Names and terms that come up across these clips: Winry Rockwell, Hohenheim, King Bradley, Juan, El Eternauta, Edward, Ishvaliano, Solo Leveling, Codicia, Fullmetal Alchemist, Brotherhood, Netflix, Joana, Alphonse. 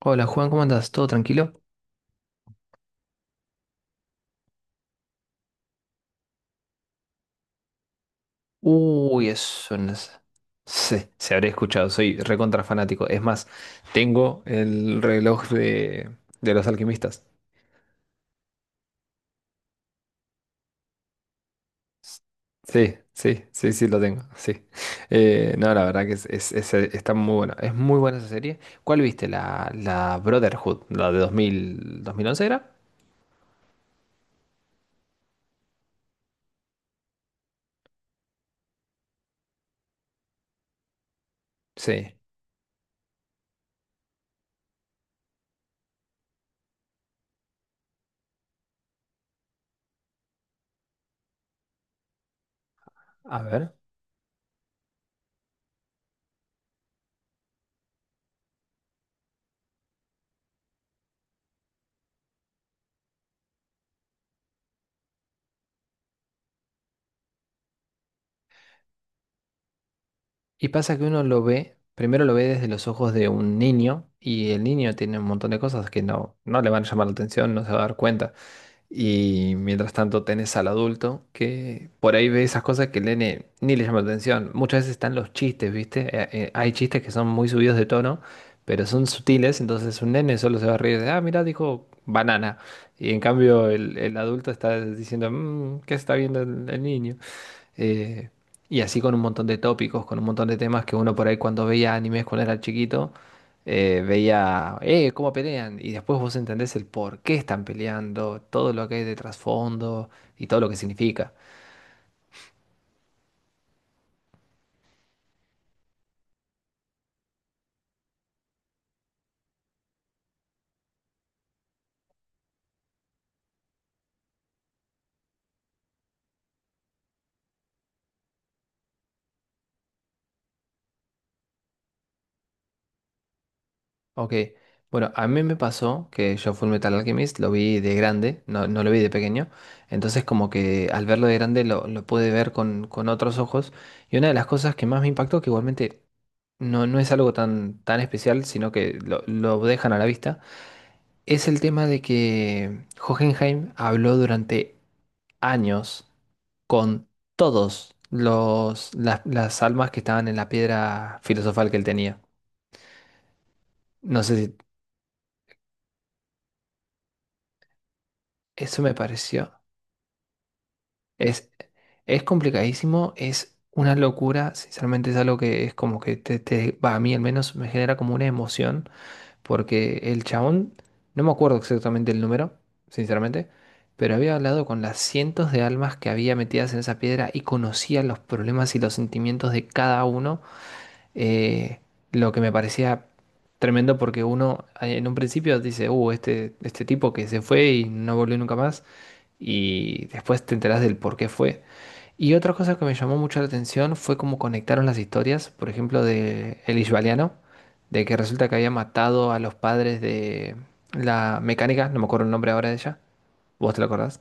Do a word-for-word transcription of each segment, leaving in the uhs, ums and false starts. Hola Juan, ¿cómo andas? ¿Todo tranquilo? Uy, eso no es- Se, se habré escuchado, soy recontra fanático. Es más, tengo el reloj de, de los alquimistas. Sí, sí, sí, sí, lo tengo, sí. Eh, no, la verdad que es, es- es- está muy bueno. Es muy buena esa serie. ¿Cuál viste? La, la Brotherhood, la de dos dos mil dos mil once era. Sí, a ver. Y pasa que uno lo ve, primero lo ve desde los ojos de un niño y el niño tiene un montón de cosas que no, no le van a llamar la atención, no se va a dar cuenta. Y mientras tanto tenés al adulto que por ahí ve esas cosas que el nene ni le llama la atención. Muchas veces están los chistes, ¿viste? Eh, eh, hay chistes que son muy subidos de tono, pero son sutiles, entonces un nene solo se va a reír de, ah, mira, dijo banana. Y en cambio el, el adulto está diciendo, "Mm, ¿qué está viendo el el niño? eh, y así con un montón de tópicos, con un montón de temas que uno por ahí cuando veía animes cuando era chiquito, eh, veía, eh, cómo pelean, y después vos entendés el por qué están peleando, todo lo que hay de trasfondo y todo lo que significa. Ok, bueno, a mí me pasó que yo Metal Alchemist lo vi de grande, no, no lo vi de pequeño, entonces como que al verlo de grande lo, lo pude ver con, con otros ojos, y una de las cosas que más me impactó, que igualmente no, no es algo tan, tan especial, sino que lo, lo dejan a la vista, es el tema de que Hohenheim habló durante años con todos los, las, las almas que estaban en la piedra filosofal que él tenía. No sé si eso me pareció. Es, es complicadísimo, es una locura, sinceramente es algo que es como que te, te- va, a mí al menos me genera como una emoción. Porque el chabón, no me acuerdo exactamente el número, sinceramente, pero había hablado con las cientos de almas que había metidas en esa piedra y conocía los problemas y los sentimientos de cada uno, eh, lo que me parecía tremendo porque uno eh, en un principio dice, uh, este, este tipo que se fue y no volvió nunca más, y después te enterás del por qué fue. Y otra cosa que me llamó mucho la atención fue cómo conectaron las historias, por ejemplo, de el Ishvaliano, de que resulta que había matado a los padres de la mecánica, no me acuerdo el nombre ahora de ella, ¿vos te lo acordás?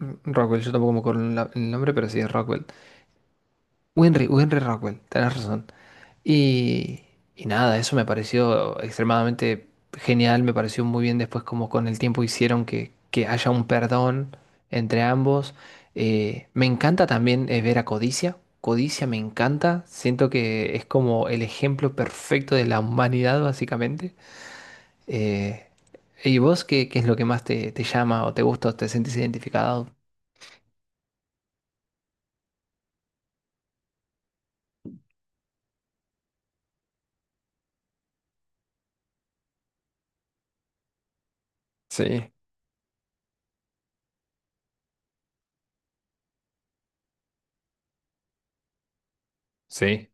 R- Rockwell, yo tampoco me acuerdo el la- el nombre, pero sí es Rockwell. Winry, Winry Rockwell, tenés razón. Y, y nada, eso me pareció extremadamente genial, me pareció muy bien después como con el tiempo hicieron que, que haya un perdón entre ambos. Eh, me encanta también eh, ver a Codicia, Codicia me encanta, siento que es como el ejemplo perfecto de la humanidad básicamente. Eh, ¿Y vos qué, qué es lo que más te, te llama o te gusta o te sentís identificado? Sí, sí,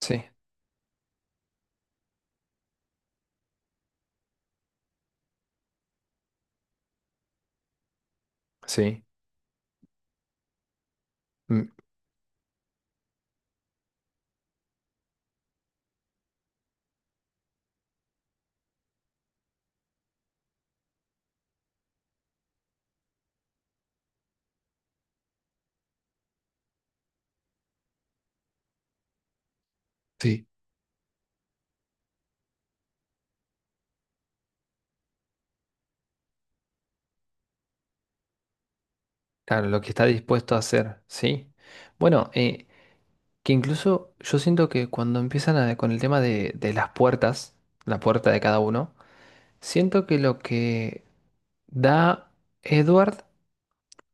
sí. Sí. Mm, sí. Claro, lo que está dispuesto a hacer, ¿sí? Bueno, eh, que incluso yo siento que cuando empiezan a- con el tema de, de las puertas, la puerta de cada uno, siento que lo que da Edward,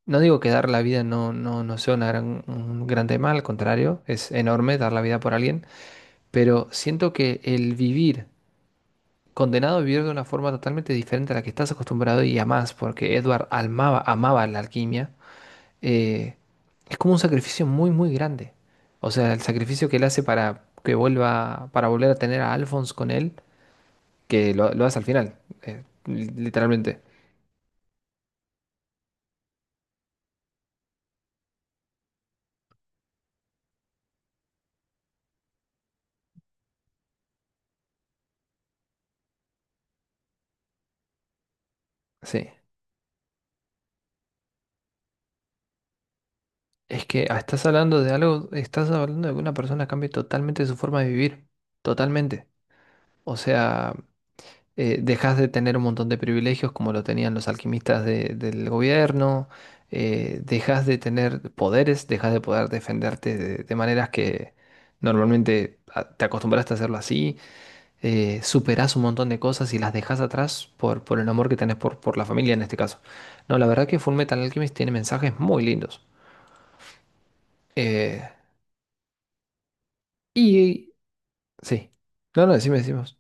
no digo que dar la vida no, no, no sea una gran- un gran tema, al contrario, es enorme dar la vida por alguien, pero siento que el vivir, condenado a vivir de una forma totalmente diferente a la que estás acostumbrado y amás, porque Edward amaba, amaba la alquimia, eh, es como un sacrificio muy, muy grande. O sea, el sacrificio que él hace para que vuelva, para volver a tener a Alphonse con él, que lo, lo hace al final, eh, li- literalmente. Sí. Es que ah, estás hablando de algo, estás hablando de que una persona cambie totalmente su forma de vivir. Totalmente. O sea, eh, dejas de tener un montón de privilegios como lo tenían los alquimistas de- del gobierno. Eh, dejas de tener poderes, dejas de poder defenderte de de maneras que normalmente ah, te acostumbraste a hacerlo así. Eh, superás un montón de cosas y las dejás atrás por, por el amor que tenés por, por la familia en este caso. No, la verdad que Fullmetal Alchemist tiene mensajes muy lindos. Eh, y sí. No, no, decime, decimos.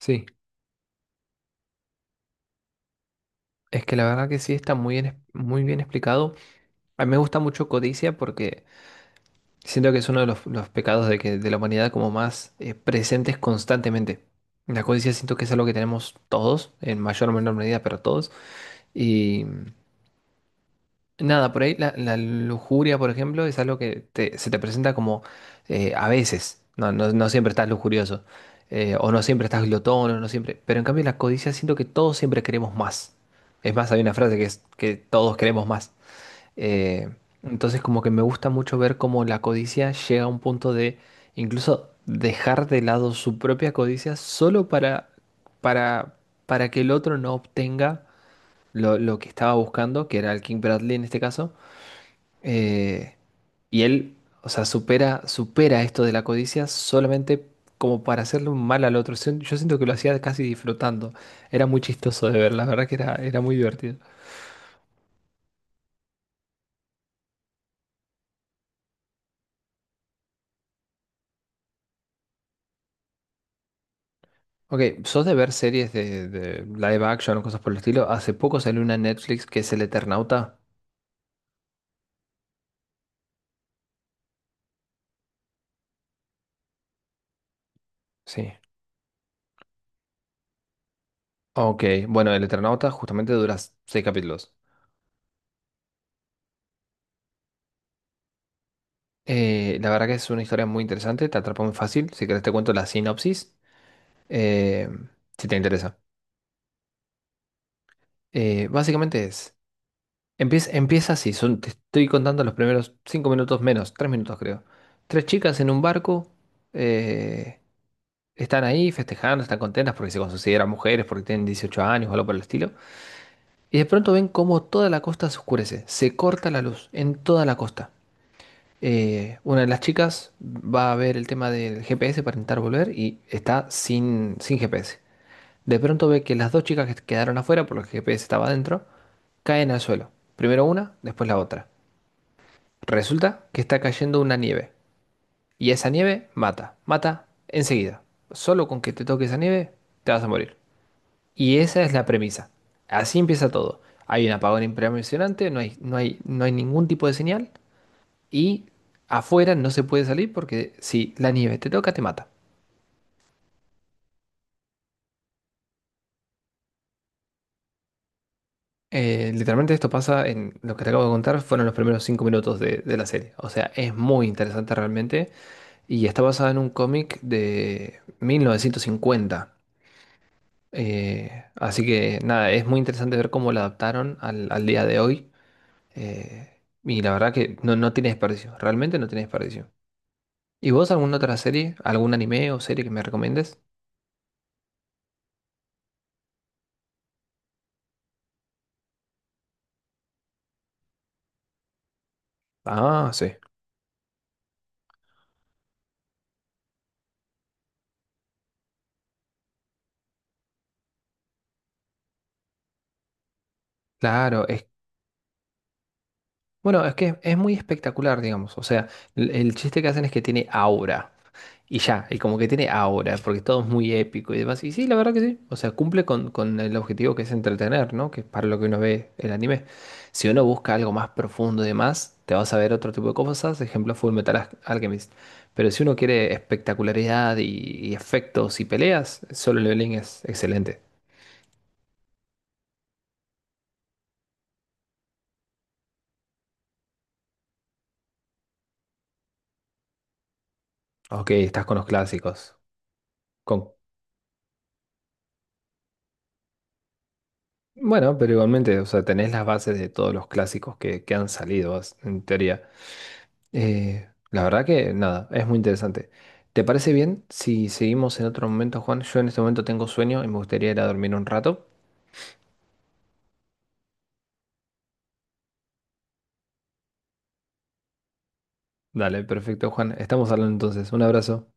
Sí. Es que la verdad que sí está muy bien, es- muy bien explicado. A mí me gusta mucho Codicia porque siento que es uno de los, los pecados de, que, de la humanidad como más eh, presentes constantemente. La codicia siento que es algo que tenemos todos, en mayor o menor medida, pero todos. Y nada, por ahí la, la lujuria, por ejemplo, es algo que te- se te presenta como eh, a veces, no, no, no siempre estás lujurioso, eh, o no siempre estás glotón, o no siempre, pero en cambio la codicia siento que todos siempre queremos más. Es más, hay una frase que es que todos queremos más. Eh, entonces como que me gusta mucho ver cómo la codicia llega a un punto de incluso dejar de lado su propia codicia solo para, para, para que el otro no obtenga lo, lo que estaba buscando, que era el King Bradley en este caso, eh, y él, o sea, supera, supera esto de la codicia solamente como para hacerle un mal al otro. Sien- Yo siento que lo hacía casi disfrutando. Era muy chistoso de ver, la verdad que era, era muy divertido. Ok, ¿sos de ver series de, de live action o cosas por el estilo? Hace poco salió una en Netflix que es El Eternauta. Sí. Ok, bueno, El Eternauta justamente dura seis capítulos. Eh, la verdad que es una historia muy interesante, te atrapa muy fácil. Si querés te cuento la sinopsis, eh, si te interesa. Eh, básicamente es... Empieza, empieza así, son, te estoy contando los primeros cinco minutos menos, tres minutos creo. Tres chicas en un barco, eh, están ahí festejando, están contentas porque se consideran mujeres, porque tienen dieciocho años o algo por el estilo. Y de pronto ven cómo toda la costa se oscurece, se corta la luz en toda la costa. Eh, una de las chicas va a ver el tema del G P S para intentar volver y está sin, sin G P S. De pronto ve que las dos chicas que quedaron afuera, porque el G P S estaba adentro, caen al suelo. Primero una, después la otra. Resulta que está cayendo una nieve. Y esa nieve mata, mata enseguida. Solo con que te toque esa nieve, te vas a morir. Y esa es la premisa. Así empieza todo. Hay un apagón impresionante, no hay, no hay, no hay ningún tipo de señal. Y afuera no se puede salir porque si la nieve te toca, te mata. Eh, literalmente esto pasa en lo que te acabo de contar, fueron los primeros cinco minutos de, de la serie. O sea, es muy interesante realmente. Y está basada en un cómic de mil novecientos cincuenta. Eh, así que nada, es muy interesante ver cómo lo adaptaron al, al día de hoy. eh, y la verdad que no, no tiene desperdicio, realmente no tiene desperdicio. ¿Y vos alguna otra serie, algún anime o serie que me recomiendes? Ah, sí. Claro, es, bueno, es que es muy espectacular, digamos. O sea, el, el chiste que hacen es que tiene aura. Y ya, y como que tiene ahora porque todo es muy épico y demás. Y sí, la verdad que sí. O sea, cumple con, con el objetivo que es entretener, ¿no? Que es para lo que uno ve el anime. Si uno busca algo más profundo y demás, te vas a ver otro tipo de cosas. Ejemplo, Full Metal Al- Alchemist. Pero si uno quiere espectacularidad y, y efectos y peleas, Solo Leveling es excelente. Ok, estás con los clásicos. Con... Bueno, pero igualmente, o sea, tenés las bases de todos los clásicos que, que han salido, en teoría. Eh, la verdad que nada, es muy interesante. ¿Te parece bien si seguimos en otro momento, Juan? Yo en este momento tengo sueño y me gustaría ir a dormir un rato. Dale, perfecto, Juan. Estamos hablando entonces. Un abrazo.